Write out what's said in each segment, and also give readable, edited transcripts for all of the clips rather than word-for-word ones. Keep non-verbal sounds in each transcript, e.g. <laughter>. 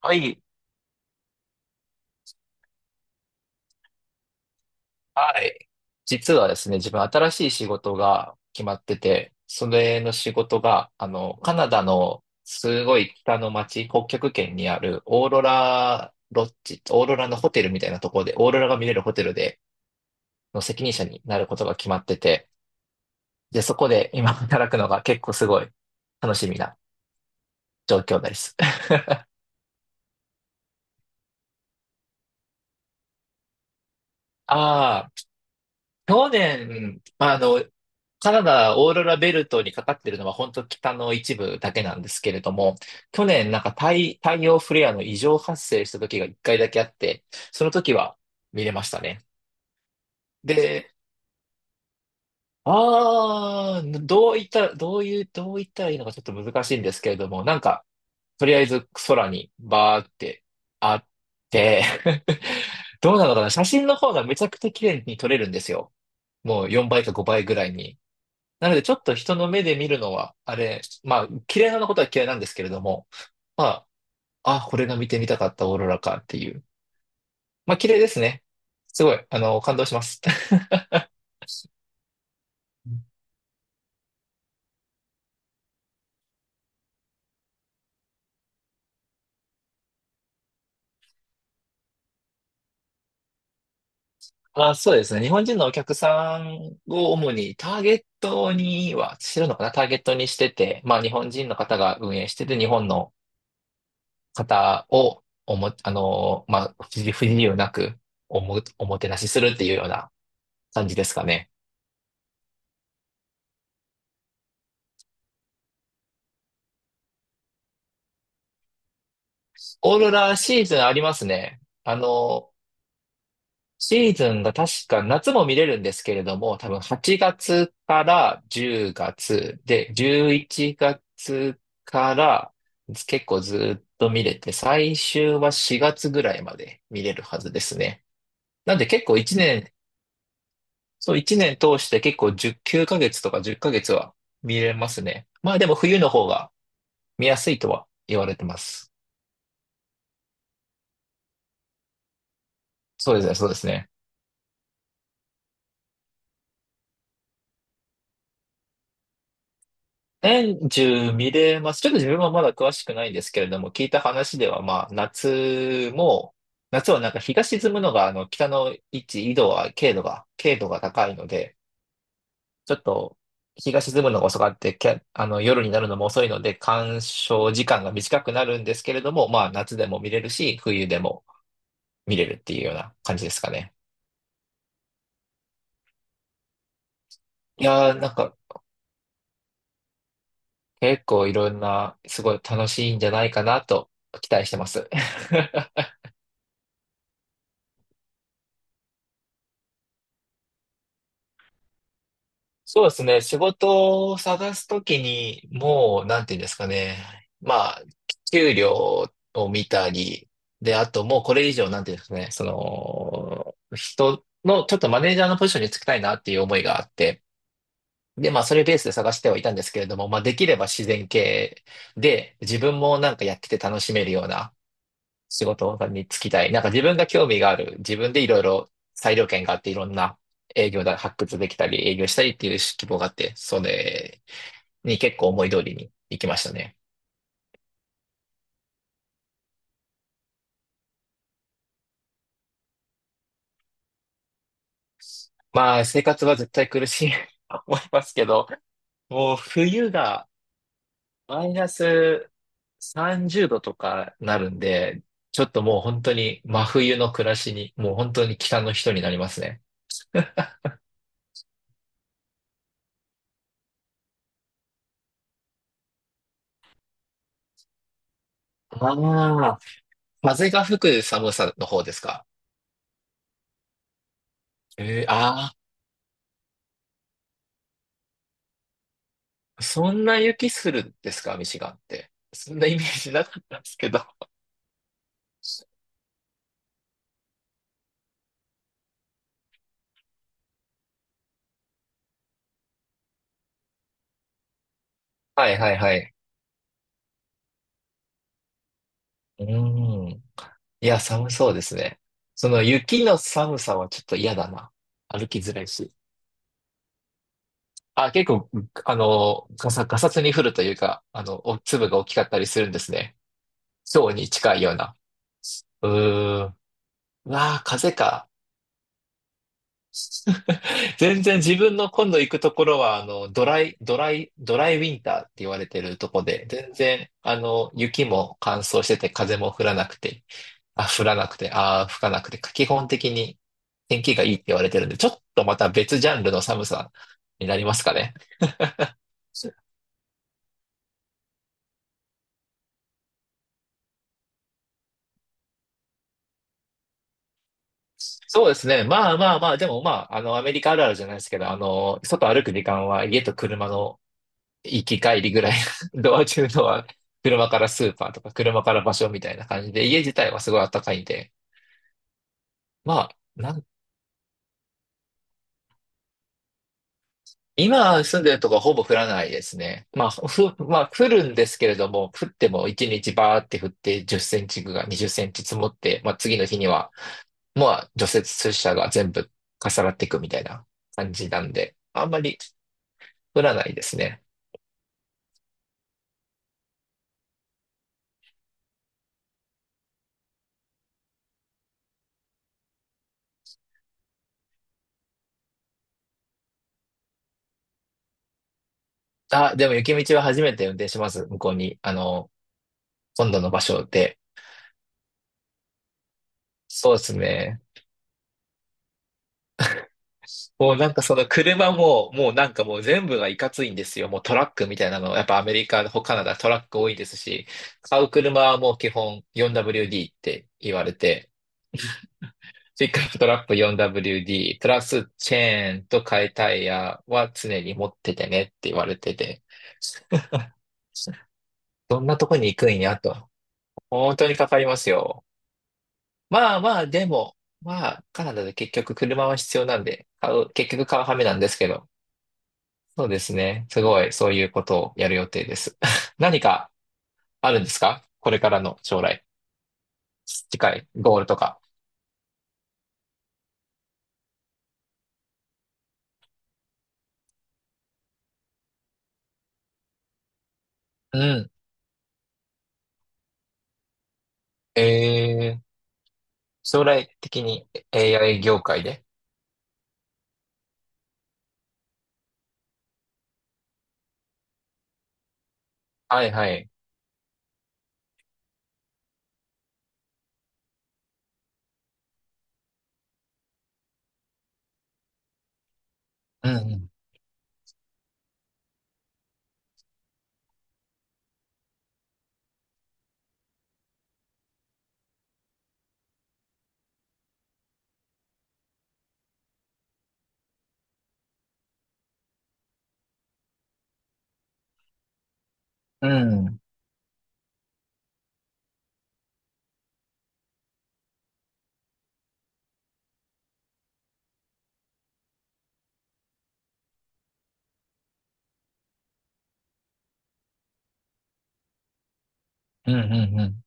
はい。はい。実はですね、自分新しい仕事が決まってて、それの仕事が、カナダのすごい北の町、北極圏にあるオーロラロッジ、オーロラのホテルみたいなところで、オーロラが見れるホテルでの責任者になることが決まってて、で、そこで今働くのが結構すごい楽しみな状況です。<laughs> あ、去年、カナダオーロラベルトにかかってるのは本当北の一部だけなんですけれども、去年なんか太陽フレアの異常発生した時が一回だけあって、その時は見れましたね。で、どういったらいいのかちょっと難しいんですけれども、なんか、とりあえず空にバーってあって、 <laughs> どうなのかな、写真の方がめちゃくちゃ綺麗に撮れるんですよ。もう4倍か5倍ぐらいに。なので、ちょっと人の目で見るのは、あれ、まあ、嫌いなことは嫌いなんですけれども、まあ、あ、これが見てみたかったオーロラかっていう。まあ、綺麗ですね。すごい、感動します。あ、そうですね。日本人のお客さんを主にターゲットには、知るのかな、ターゲットにしてて、まあ日本人の方が運営してて、日本の方をまあ、不自由なくおもてなしするっていうような感じですかね。オーロラシーズンありますね。シーズンが確か夏も見れるんですけれども、多分8月から10月で、11月から結構ずっと見れて、最終は4月ぐらいまで見れるはずですね。なんで結構1年、そう1年通して結構10、9ヶ月とか10ヶ月は見れますね。まあでも冬の方が見やすいとは言われてます。そうですね、そうですね。年中見れます。ちょっと自分はまだ詳しくないんですけれども、聞いた話では、まあ、夏はなんか日が沈むのが、北の位置、緯度は、経度が高いので、ちょっと、日が沈むのが遅かって、夜になるのも遅いので、鑑賞時間が短くなるんですけれども、まあ、夏でも見れるし、冬でも見れるっていうような感じですかね。いやー、なんか、結構いろんな、すごい楽しいんじゃないかなと、期待してます。<laughs> そうですね。仕事を探すときに、もう、なんていうんですかね。まあ、給料を見たり、で、あともうこれ以上、なんていうんですかね。その、人の、ちょっとマネージャーのポジションにつきたいなっていう思いがあって、で、まあ、それベースで探してはいたんですけれども、まあ、できれば自然系で、自分もなんかやってて楽しめるような、仕事に就きたい。なんか自分が興味がある。自分でいろいろ裁量権があって、いろんな営業だ、発掘できたり、営業したりっていう希望があって、それに結構思い通りに行きましたね。まあ、生活は絶対苦しい <laughs> と思いますけど、もう冬がマイナス30度とかなるんで、ちょっともう本当に真冬の暮らしに、もう本当に北の人になりますね。ああ、風が吹く寒さの方ですか？えー、あ、そんな雪するんですか、ミシガンって。そんなイメージなかったんですけど。はいはいはい。うーん。いや、寒そうですね。その雪の寒さはちょっと嫌だな。歩きづらいし。あ、結構、ガサツに降るというか、お粒が大きかったりするんですね。ひょうに近いような。うーん。うわあ、風か。全然自分の今度行くところは、ドライウィンターって言われてるとこで、全然、雪も乾燥してて、風も降らなくて、降らなくて、吹かなくて、基本的に天気がいいって言われてるんで、ちょっとまた別ジャンルの寒さになりますかね。そそうですね。まあまあまあ、でもまあ、アメリカあるあるじゃないですけど、外歩く時間は家と車の行き帰りぐらい、 <laughs> ドア中のは車からスーパーとか車から場所みたいな感じで、家自体はすごい暖かいんで、まあ、今住んでるとこはほぼ降らないですね。まあ、まあ、降るんですけれども、降っても1日バーって降って10センチが20センチ積もって、まあ次の日には、まあ除雪車が全部重なっていくみたいな感じなんで、あんまり降らないですね。あ、でも雪道は初めて運転します。向こうに、今度の場所で。そうですね。もうなんかその車も、もうなんかもう全部がいかついんですよ。もうトラックみたいなの、やっぱアメリカ、カナダトラック多いですし、買う車はもう基本 4WD って言われて、ピックアップトラップ 4WD、プラスチェーンと替えタイヤは常に持っててねって言われてて、どんなとこに行くんやと。本当にかかりますよ。まあまあ、でも、まあ、カナダで結局車は必要なんで、結局買うハメなんですけど、そうですね。すごい、そういうことをやる予定です。<laughs> 何かあるんですかこれからの将来。近いゴールとか。うん。えー、将来的に AI 業界で。はいはい。うん、うん。うん、うん、うんうん。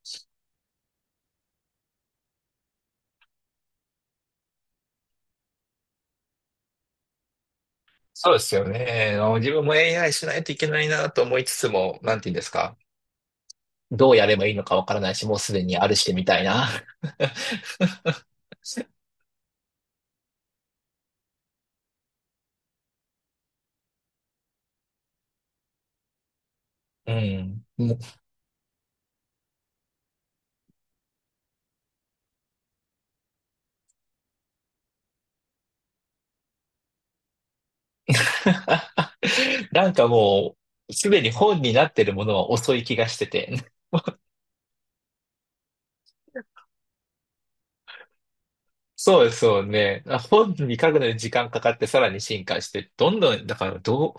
そうですよね。自分も AI しないといけないなと思いつつも、なんて言うんですか。どうやればいいのかわからないし、もうすでにあるしてみたいな。<laughs> うん。<laughs> なんかもう、すでに本になってるものは遅い気がしてて。そうですよね。あ、本に書くのに時間かかってさらに進化して、どんどん、だからどう、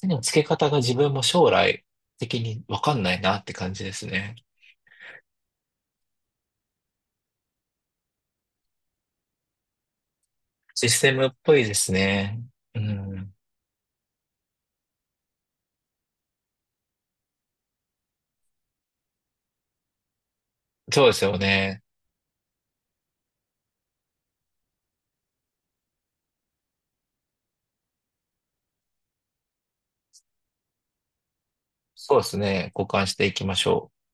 手の付け方が自分も将来的にわかんないなって感じですね。システムっぽいですね。うん。そうですよね。そうですね。交換していきましょう。